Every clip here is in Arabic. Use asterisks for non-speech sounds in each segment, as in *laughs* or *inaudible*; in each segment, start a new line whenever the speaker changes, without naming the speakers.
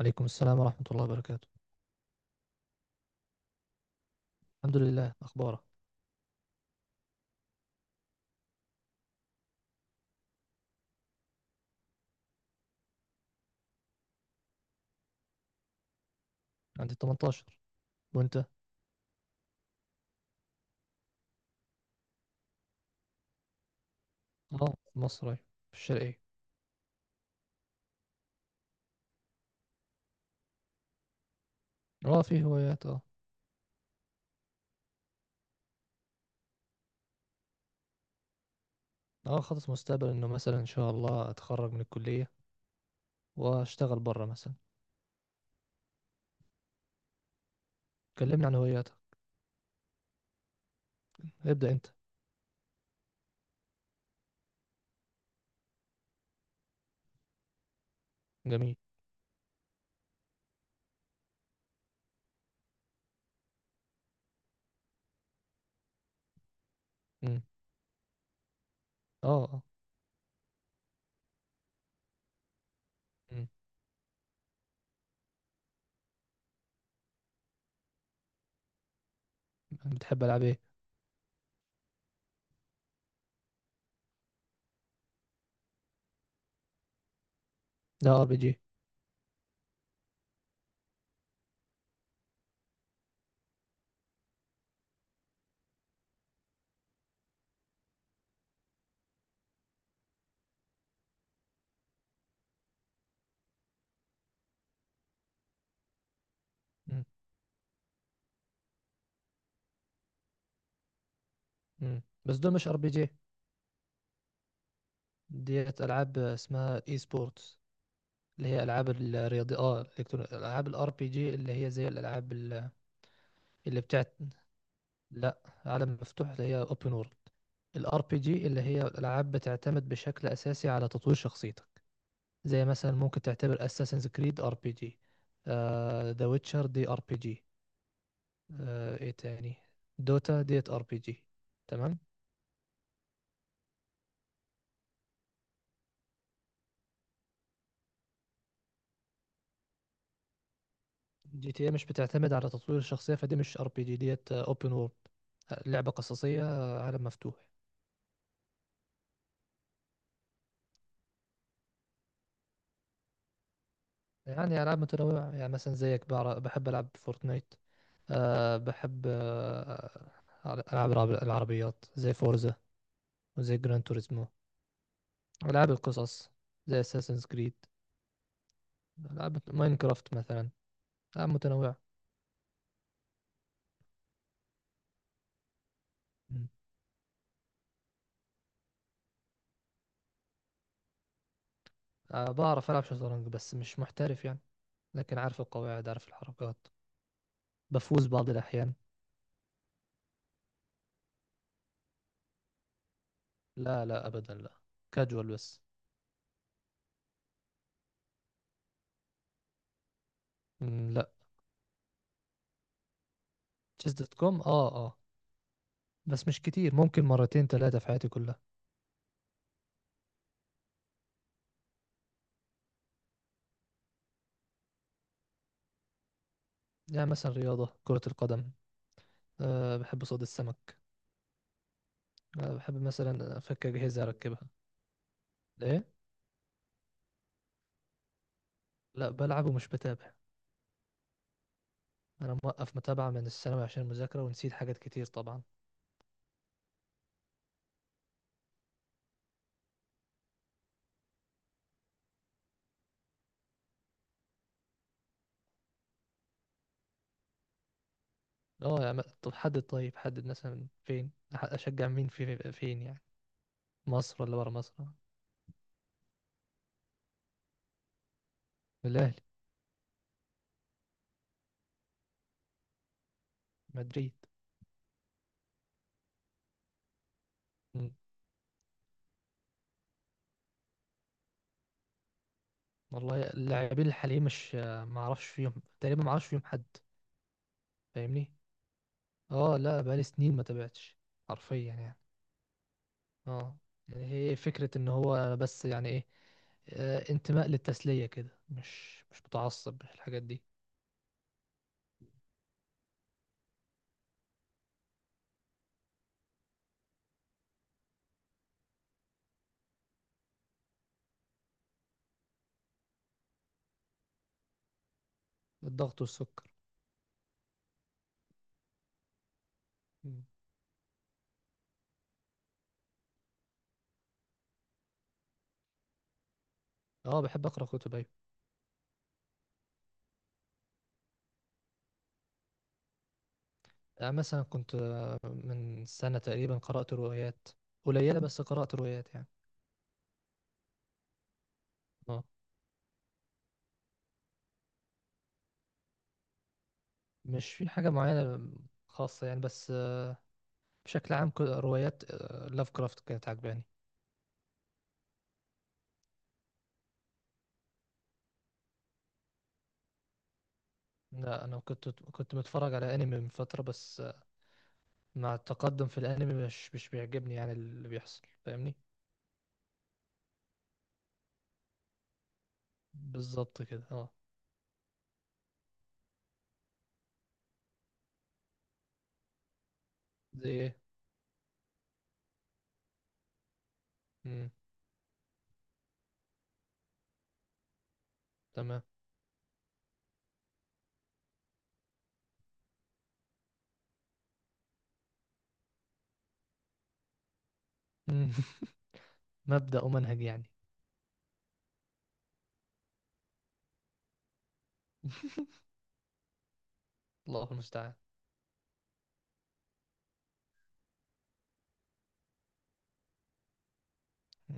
عليكم السلام ورحمة الله وبركاته. الحمد لله، أخبارك؟ عندي 18، وأنت؟ اه، في مصر، أيوة، في الشرقية. اه، في هوايات، اه. اه، خطط مستقبل إنه مثلا إن شاء الله أتخرج من الكلية، وأشتغل برا مثلا. كلمني عن هواياتك، ابدأ أنت. جميل. مم. اه، اه. مم. بتحب ألعاب إيه؟ لا، RPG. مم. مم. بس دول مش ار بي جي. ديت ألعاب اسمها اي سبورتس، اللي هي ألعاب الرياضي ألعاب الار بي جي اللي هي زي الألعاب اللي بتاعت. لا، عالم مفتوح اللي هي اوبن وورلد. الار بي جي اللي هي الالعاب بتعتمد بشكل اساسي على تطوير شخصيتك. زي مثلا ممكن تعتبر اساسنز كريد ار بي جي. ذا ويتشر دي ار بي جي. ايه تاني؟ دوتا ديت ار بي جي. تمام. GTA مش بتعتمد على تطوير الشخصية، فدي مش ار بي جي. ديت اوبن وورلد، لعبة قصصية، عالم مفتوح. يعني العاب متنوعة، يعني مثلا زيك بحب العب فورتنايت. أه، بحب ألعاب العربيات زي فورزا، وزي جران توريزمو. ألعاب القصص زي اساسنز كريد. ألعاب ماينكرافت مثلا. ألعاب متنوعة. مم. أه، بعرف ألعب شطرنج بس مش محترف يعني، لكن عارف القواعد، عارف الحركات، بفوز بعض الأحيان. لا، لا، أبدا، لا. كاجوال بس. مم، لا. تشيس دوت كوم، اه، اه. بس مش كتير، ممكن مرتين ثلاثة في حياتي كلها. يعني مثلا رياضة كرة القدم، أه، بحب صيد السمك. أنا بحب مثلا أفك أجهزة أركبها. إيه؟ لا، بلعب ومش بتابع. أنا موقف متابعة من الثانوي عشان المذاكرة، ونسيت حاجات كتير طبعا. أه، يعني طب حدد، طيب حدد مثلا فين أشجع مين في فين يعني، مصر ولا برا مصر؟ الأهلي. مدريد. مم. والله اللاعبين الحاليين مش ما أعرفش فيهم، تقريبا ما أعرفش فيهم حد، فاهمني. أه، لا، بقالي سنين ما تابعتش حرفيا يعني. اه، يعني هي فكرة ان هو بس يعني ايه، انتماء للتسلية كده، مش متعصب الحاجات دي. الضغط والسكر. مم. اه، بحب اقرا كتب، ايوه. مثلا كنت، من سنة تقريبا قرأت روايات قليلة، بس قرأت روايات يعني. اه، مش في حاجة معينة خاصة يعني، بس بشكل عام روايات لاف كرافت كانت عجباني. لا، انا كنت متفرج على انمي من فترة، بس مع التقدم في الانمي مش بيعجبني يعني اللي بيحصل، فاهمني. بالظبط كده، اه. زي ايه؟ مم. تمام. مم. *laughs* مبدأ ومنهج يعني. الله المستعان.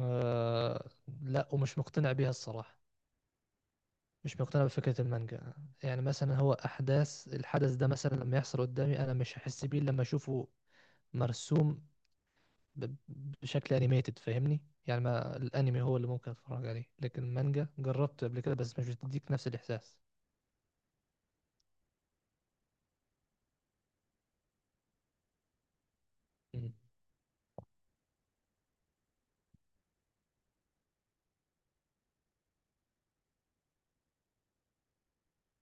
آه لا، ومش مقتنع بيها الصراحة، مش مقتنع بفكرة المانجا. يعني مثلا هو أحداث الحدث ده مثلا لما يحصل قدامي أنا مش هحس بيه لما أشوفه مرسوم ب- بشكل أنيميتد، فاهمني. يعني ما الأنمي هو اللي ممكن أتفرج عليه، لكن المانجا جربت قبل كده بس مش بتديك نفس الإحساس. مم.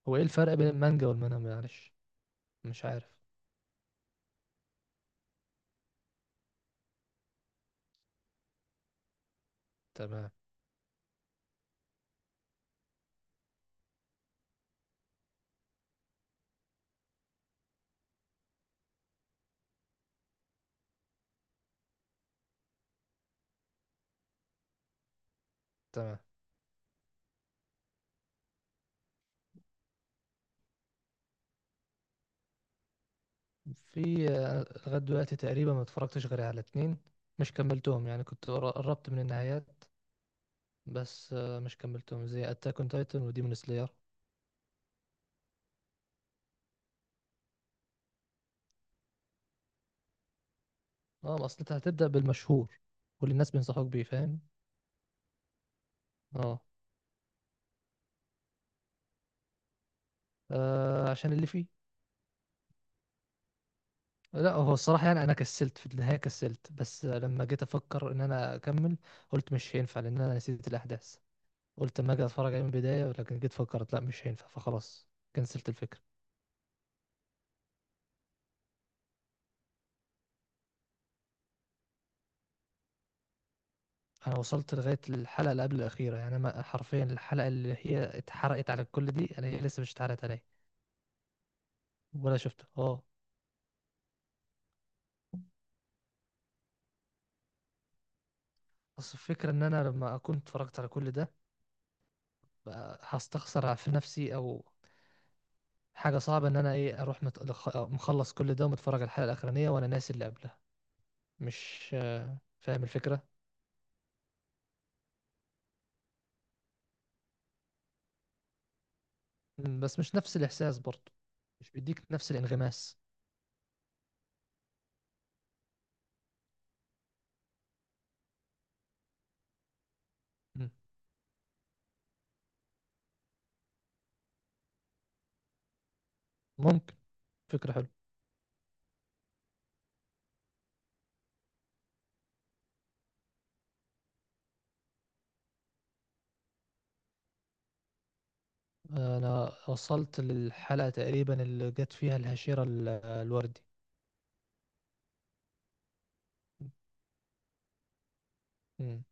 هو إيه الفرق بين المانجا والمانهوا معلش؟ مش عارف. تمام. تمام. في لغاية دلوقتي تقريبا ما اتفرجتش غير على اتنين، مش كملتهم يعني، كنت قربت من النهايات، بس مش كملتهم، زي اتاك اون تايتن وديمون سلاير. اه، اصل انت هتبدأ بالمشهور واللي الناس بينصحوك بيه، فاهم. اه. عشان اللي فيه. لا، هو الصراحة يعني أنا كسلت في النهاية، كسلت بس لما جيت أفكر إن أنا أكمل، قلت مش هينفع لأن أنا نسيت الأحداث. قلت أما أجي أتفرج عليه من البداية، لكن جيت فكرت لا مش هينفع، فخلاص كنسلت الفكرة. انا وصلت لغايه الحلقه اللي قبل الاخيره يعني، انا حرفيا الحلقه اللي هي اتحرقت على الكل دي انا هي لسه مش اتحرقت عليا ولا شفتها، اه. بس الفكره ان انا لما اكون اتفرجت على كل ده بقى هستخسر في نفسي، او حاجه صعبه ان انا ايه، اروح مخلص كل ده ومتفرج على الحلقه الاخرانيه وانا ناسي اللي قبلها، مش. فاهم الفكره. بس مش نفس الاحساس برضه، مش بيديك نفس الانغماس. مم. ممكن. فكره حلوه. انا وصلت للحلقه تقريبا اللي جت فيها الهشيره الوردي. مم.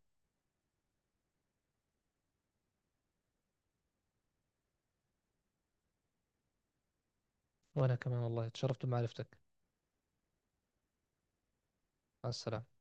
وأنا كمان والله، اتشرفت بمعرفتك. مع السلامة.